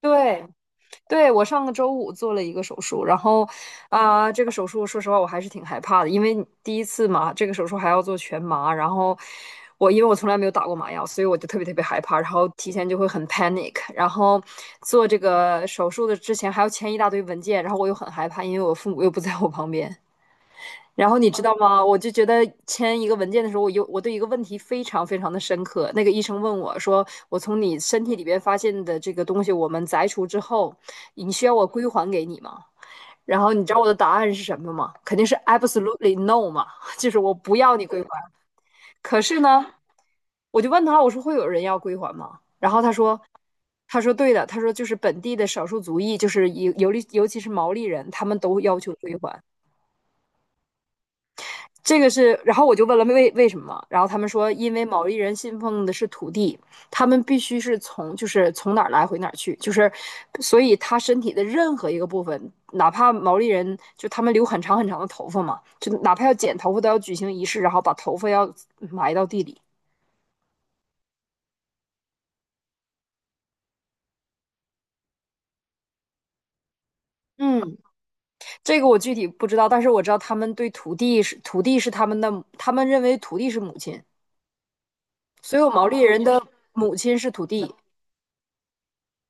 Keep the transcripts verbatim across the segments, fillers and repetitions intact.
对，对，我上个周五做了一个手术，然后啊、这个手术说实话我还是挺害怕的，因为第一次嘛，这个手术还要做全麻，然后我因为我从来没有打过麻药，所以我就特别特别害怕，然后提前就会很 panic，然后做这个手术的之前还要签一大堆文件，然后我又很害怕，因为我父母又不在我旁边。然后你知道吗？我就觉得签一个文件的时候，我有我对一个问题非常非常的深刻。那个医生问我说："我从你身体里边发现的这个东西，我们摘除之后，你需要我归还给你吗？"然后你知道我的答案是什么吗？肯定是 absolutely no 嘛，就是我不要你归还。可是呢，我就问他，我说会有人要归还吗？然后他说，他说对的，他说就是本地的少数族裔，就是尤尤其尤其是毛利人，他们都要求归还。这个是，然后我就问了为为什么，然后他们说，因为毛利人信奉的是土地，他们必须是从就是从哪儿来回哪儿去，就是所以他身体的任何一个部分，哪怕毛利人就他们留很长很长的头发嘛，就哪怕要剪头发都要举行仪式，然后把头发要埋到地里。嗯，这个我具体不知道，但是我知道他们对土地是土地是他们的，他们认为土地是母亲，所有毛利人的母亲是土地，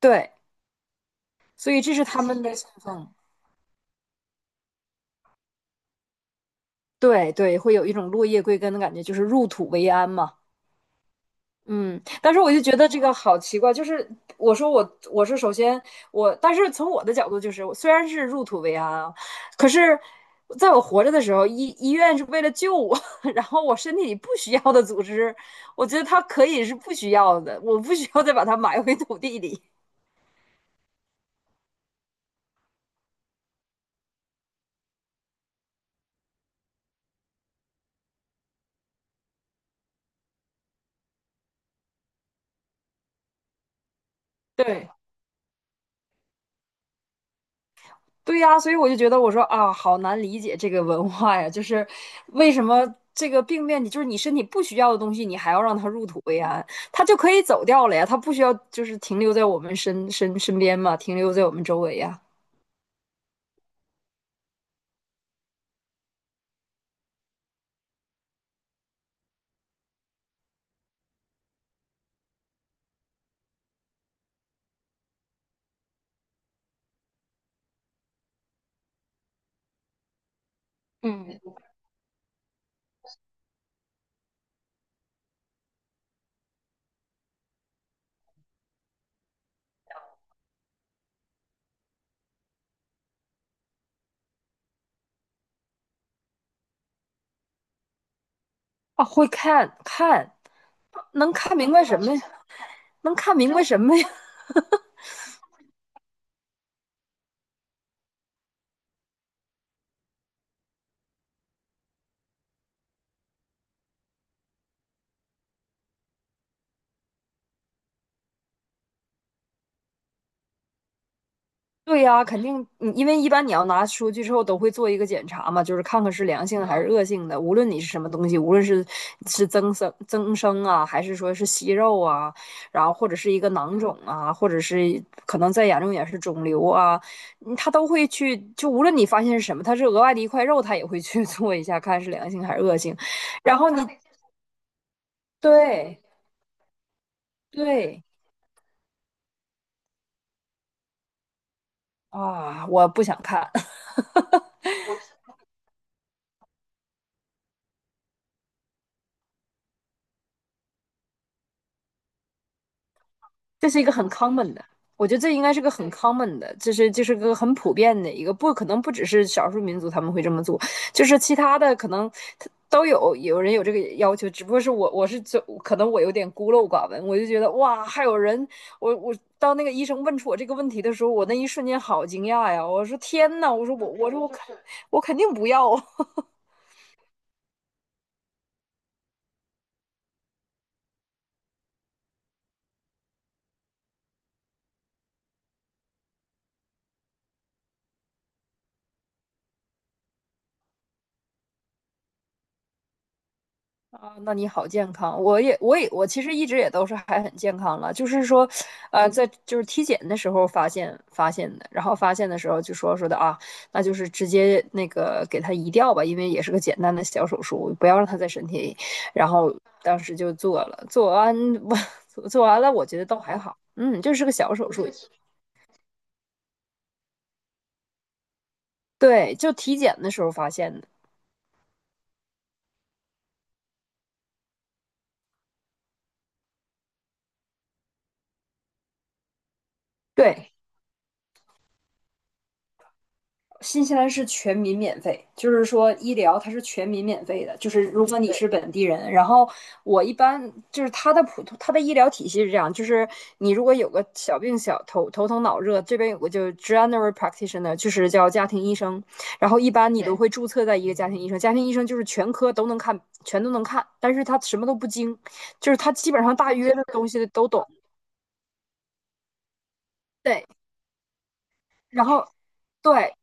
对，所以这是他们的信奉。对对，会有一种落叶归根的感觉，就是入土为安嘛。嗯，但是我就觉得这个好奇怪，就是我说我我是首先我，但是从我的角度就是，我虽然是入土为安啊，可是在我活着的时候，医医院是为了救我，然后我身体里不需要的组织，我觉得它可以是不需要的，我不需要再把它埋回土地里。对，对呀，所以我就觉得我说啊，好难理解这个文化呀，就是为什么这个病变，你就是你身体不需要的东西，你还要让它入土为安，它就可以走掉了呀，它不需要就是停留在我们身身身边嘛，停留在我们周围呀。嗯，啊，会看看，能看明白什么呀？能看明白什么呀？对呀，肯定，嗯因为一般你要拿出去之后都会做一个检查嘛，就是看看是良性的还是恶性的。无论你是什么东西，无论是是增生增生啊，还是说是息肉啊，然后或者是一个囊肿啊，或者是可能再严重点是肿瘤啊，嗯他都会去，就无论你发现是什么，它是额外的一块肉，他也会去 做一下，看是良性还是恶性。然后你对对啊，我不想看。这是一个很 common 的，我觉得这应该是个很 common 的，就是就是个很普遍的一个，不可能不只是少数民族他们会这么做，就是其他的可能都有有人有这个要求，只不过是我我是就可能我有点孤陋寡闻，我就觉得哇，还有人，我我到那个医生问出我这个问题的时候，我那一瞬间好惊讶呀，我说天呐，我说我我说我肯我肯定不要啊，啊，那你好健康，我也，我也，我其实一直也都是还很健康了，就是说，呃，在就是体检的时候发现发现的，然后发现的时候就说说的啊，那就是直接那个给他移掉吧，因为也是个简单的小手术，不要让他在身体里，然后当时就做了，做完我 做完了，我觉得倒还好，嗯，就是个小手术，对，就体检的时候发现的，对。新西兰是全民免费，就是说医疗它是全民免费的，就是如果你是本地人，然后我一般就是它的普通它的医疗体系是这样，就是你如果有个小病小头头疼脑热，这边有个就 general practitioner，就是叫家庭医生，然后一般你都会注册在一个家庭医生，家庭医生就是全科都能看，全都能看，但是他什么都不精，就是他基本上大约的东西都懂。对，然后，对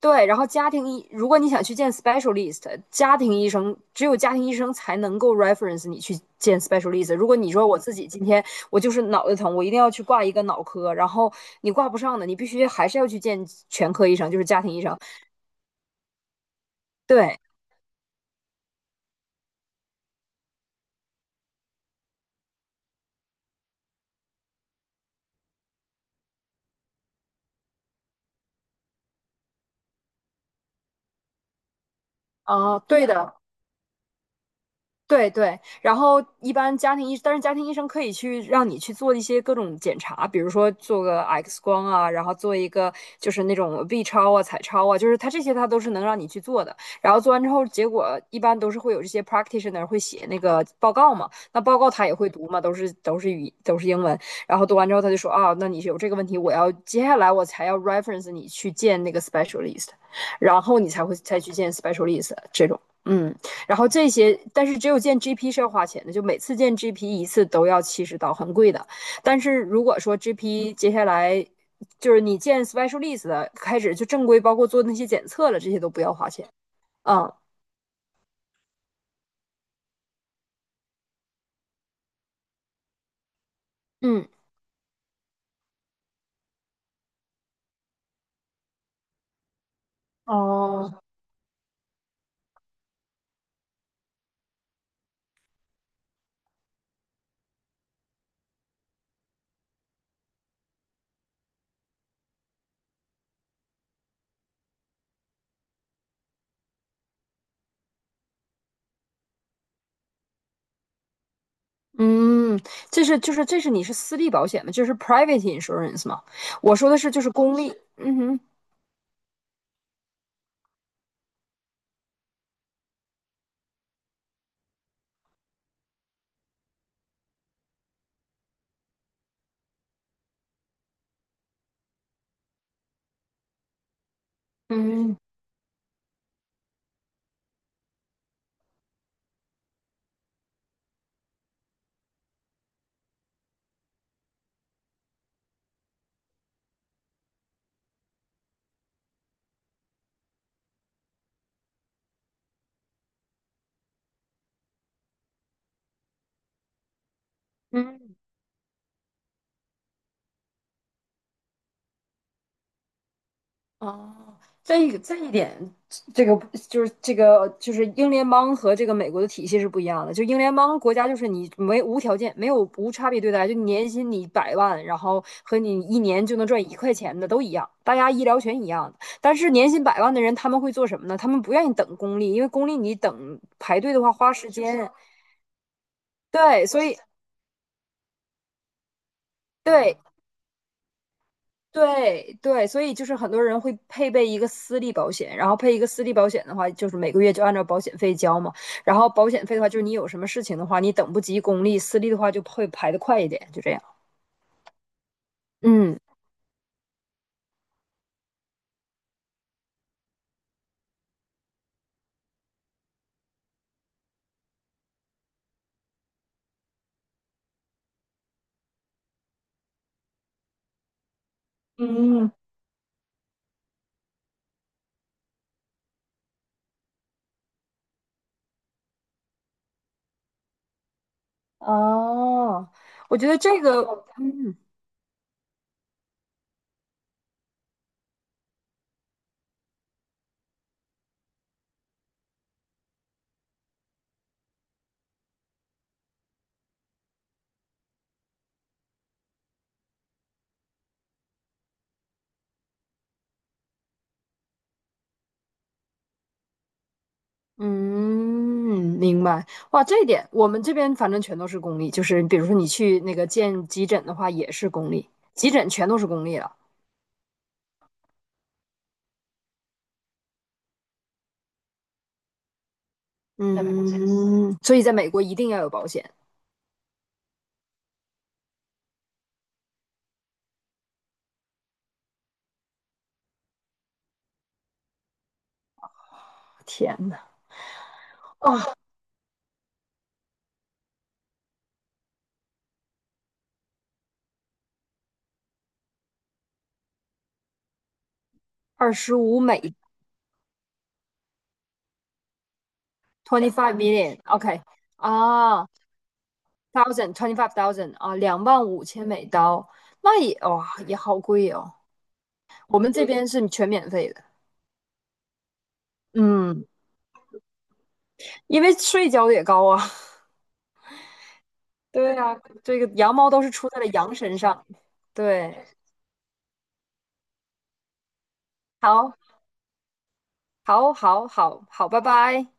对，然后家庭医，如果你想去见 specialist，家庭医生只有家庭医生才能够 reference 你去见 specialist。如果你说我自己今天我就是脑袋疼，我一定要去挂一个脑科，然后你挂不上的，你必须还是要去见全科医生，就是家庭医生。对，啊、对的，对对，然后一般家庭医，但是家庭医生可以去让你去做一些各种检查，比如说做个 X 光啊，然后做一个就是那种 B 超啊、彩超啊，就是他这些他都是能让你去做的。然后做完之后，结果一般都是会有这些 practitioner 会写那个报告嘛，那报告他也会读嘛，都是都是语都是英文。然后读完之后他就说啊，那你有这个问题，我要接下来我才要 reference 你去见那个 specialist，然后你才会再去见 specialist 这种，嗯。然后这些，但是只有见 G P 是要花钱的，就每次见 G P 一次都要七十刀，很贵的。但是如果说 G P 接下来就是你见 specialist 的开始就正规，包括做那些检测了，这些都不要花钱。啊，嗯哦，嗯，这是就是这是你是私立保险吗？就是 private insurance 吗？我说的是就是公立。嗯哼，嗯嗯。哦，这个这一点，这个就是这个就是英联邦和这个美国的体系是不一样的。就英联邦国家，就是你没无条件、没有无差别对待，就你年薪你百万，然后和你一年就能赚一块钱的都一样，大家医疗权一样的。但是年薪百万的人，他们会做什么呢？他们不愿意等公立，因为公立你等排队的话花时间。对，所以对，对对，所以就是很多人会配备一个私立保险，然后配一个私立保险的话，就是每个月就按照保险费交嘛。然后保险费的话，就是你有什么事情的话，你等不及公立，私立的话就会排的快一点，就这样。嗯，嗯，哦，我觉得这个，嗯嗯，明白。哇，这一点我们这边反正全都是公立，就是比如说你去那个见急诊的话，也是公立，急诊全都是公立了。嗯，所以在美国一定要有保险。天呐！二十五美，twenty five million，OK，、啊，thousand twenty five thousand 啊，两万五千美刀，那也哇、也好贵哦。我们这边是全免费的，嗯，因为税交的也高啊。对啊，这个羊毛都是出在了羊身上。对，好，好，好，好，好，拜拜。